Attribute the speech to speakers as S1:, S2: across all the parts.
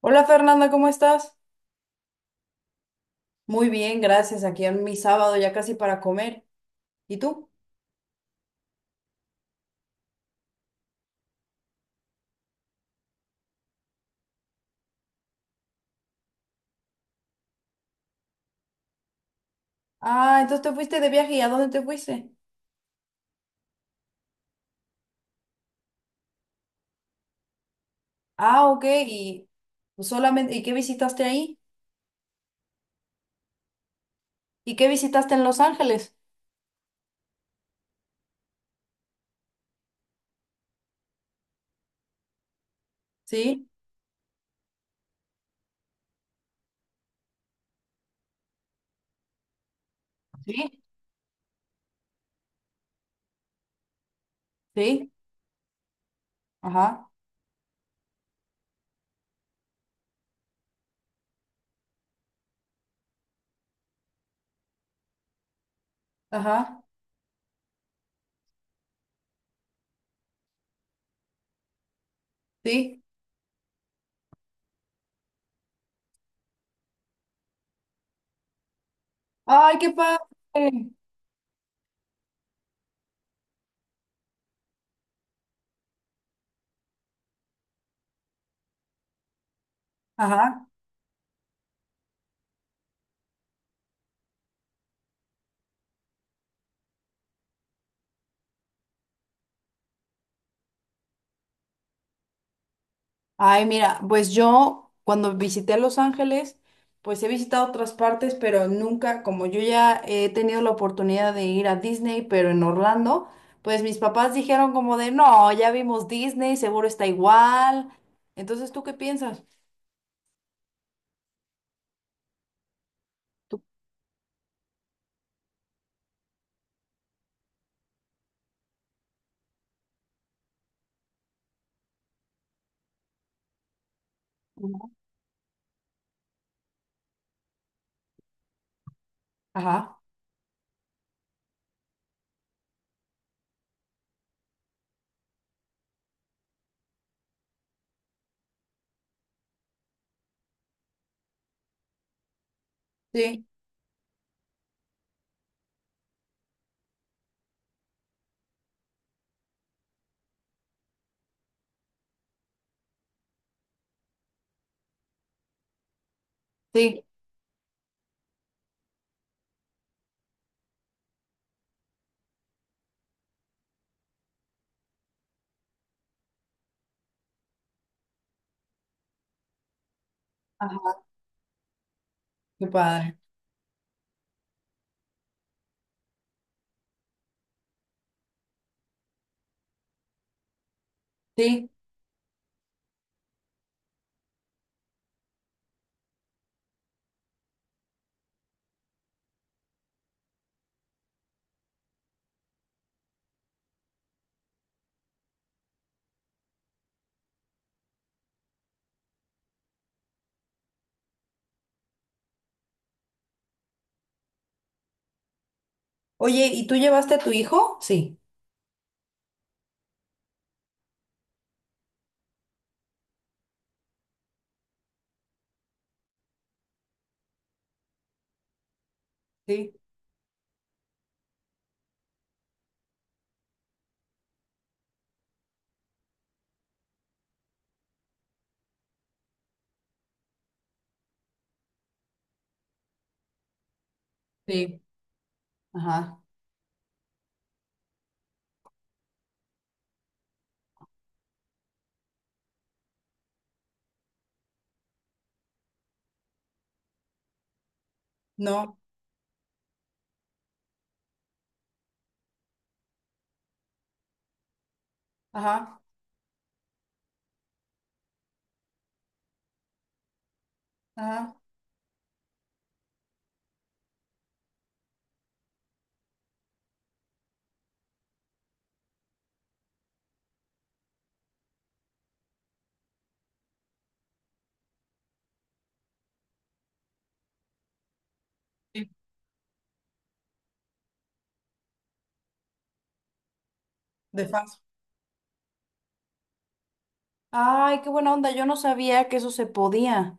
S1: Hola Fernanda, ¿cómo estás? Muy bien, gracias. Aquí en mi sábado ya casi para comer. ¿Y tú? Ah, entonces te fuiste de viaje. ¿Y a dónde te fuiste? Ah, ok. ¿Y pues solamente, y qué visitaste ahí? ¿Y qué visitaste en Los Ángeles? Sí, sí, sí. Ajá, ajá, sí. Ay, qué padre. Ajá. Ay, mira, pues yo cuando visité Los Ángeles, pues he visitado otras partes, pero nunca, como yo ya he tenido la oportunidad de ir a Disney, pero en Orlando, pues mis papás dijeron como de, no, ya vimos Disney, seguro está igual. Entonces, ¿tú qué piensas? Tú- Ujú. Ajá. Sí, sí. Ajá. Qué padre. Sí. Oye, ¿y tú llevaste a tu hijo? Sí. Sí. Sí. Ajá. No. Ajá. Ajá. Sí. De fácil. Ay, qué buena onda. Yo no sabía que eso se podía.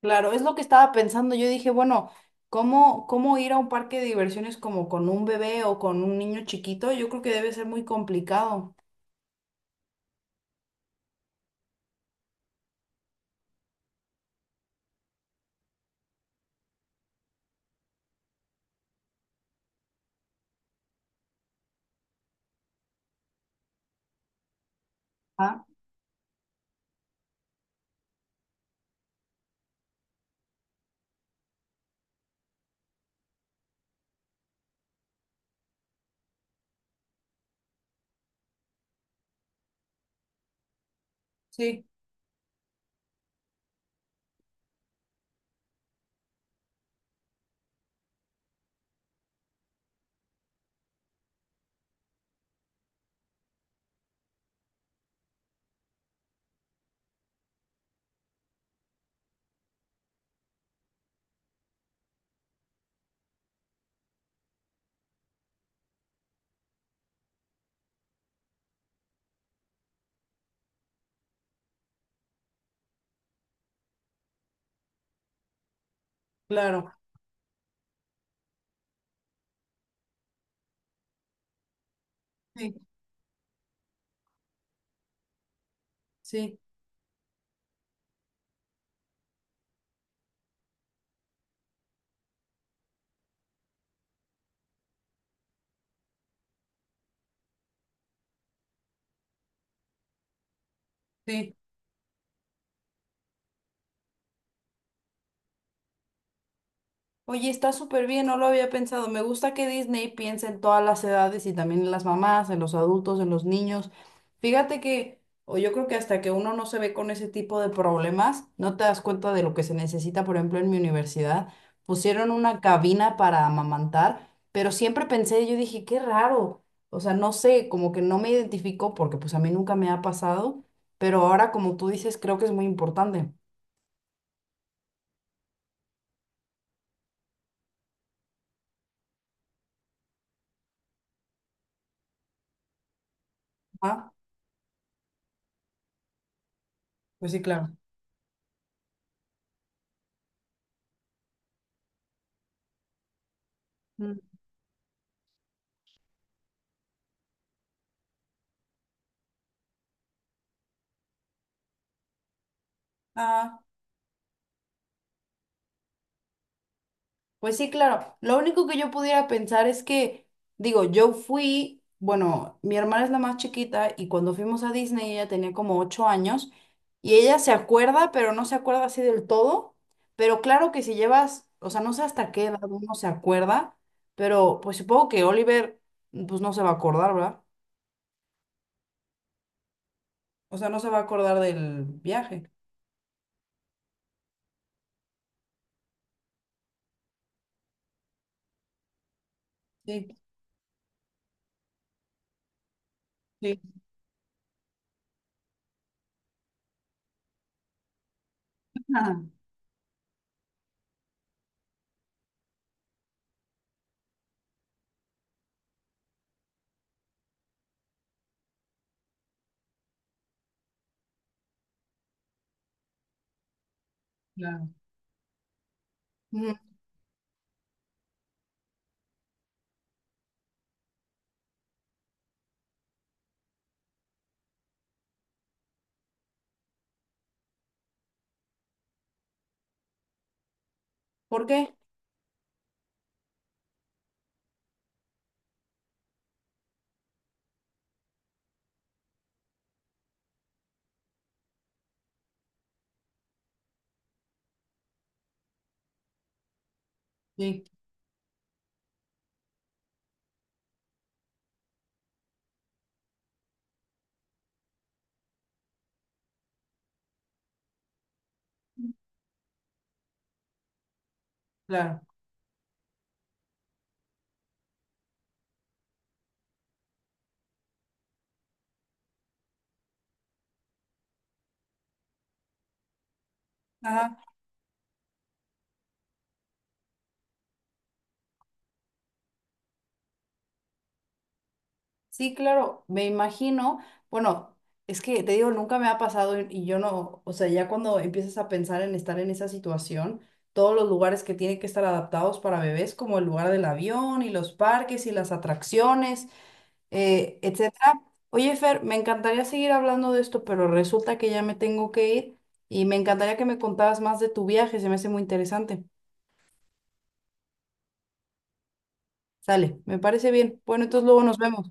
S1: Claro, es lo que estaba pensando. Yo dije, bueno, ¿cómo, cómo ir a un parque de diversiones como con un bebé o con un niño chiquito? Yo creo que debe ser muy complicado. Ah, sí, claro. Sí, sí, sí. Oye, está súper bien, no lo había pensado. Me gusta que Disney piense en todas las edades y también en las mamás, en los adultos, en los niños. Fíjate que, o yo creo que hasta que uno no se ve con ese tipo de problemas, no te das cuenta de lo que se necesita. Por ejemplo, en mi universidad pusieron una cabina para amamantar, pero siempre pensé, yo dije, qué raro. O sea, no sé, como que no me identifico porque pues a mí nunca me ha pasado, pero ahora como tú dices, creo que es muy importante. Ah, pues sí, claro. Mm. Ah. Pues sí, claro. Lo único que yo pudiera pensar es que, digo, yo fui, bueno, mi hermana es la más chiquita y cuando fuimos a Disney ella tenía como ocho años y ella se acuerda, pero no se acuerda así del todo. Pero claro que si llevas, o sea, no sé hasta qué edad uno se acuerda, pero pues supongo que Oliver, pues no se va a acordar, ¿verdad? O sea, no se va a acordar del viaje. Sí, sí, Ajá. claro, Ujú. ¿Por qué? Sí, claro. Ajá. Sí, claro, me imagino, bueno, es que te digo, nunca me ha pasado y yo no, o sea, ya cuando empiezas a pensar en estar en esa situación, todos los lugares que tienen que estar adaptados para bebés, como el lugar del avión y los parques y las atracciones, etcétera. Oye, Fer, me encantaría seguir hablando de esto, pero resulta que ya me tengo que ir y me encantaría que me contaras más de tu viaje, se me hace muy interesante. Sale, me parece bien. Bueno, entonces luego nos vemos.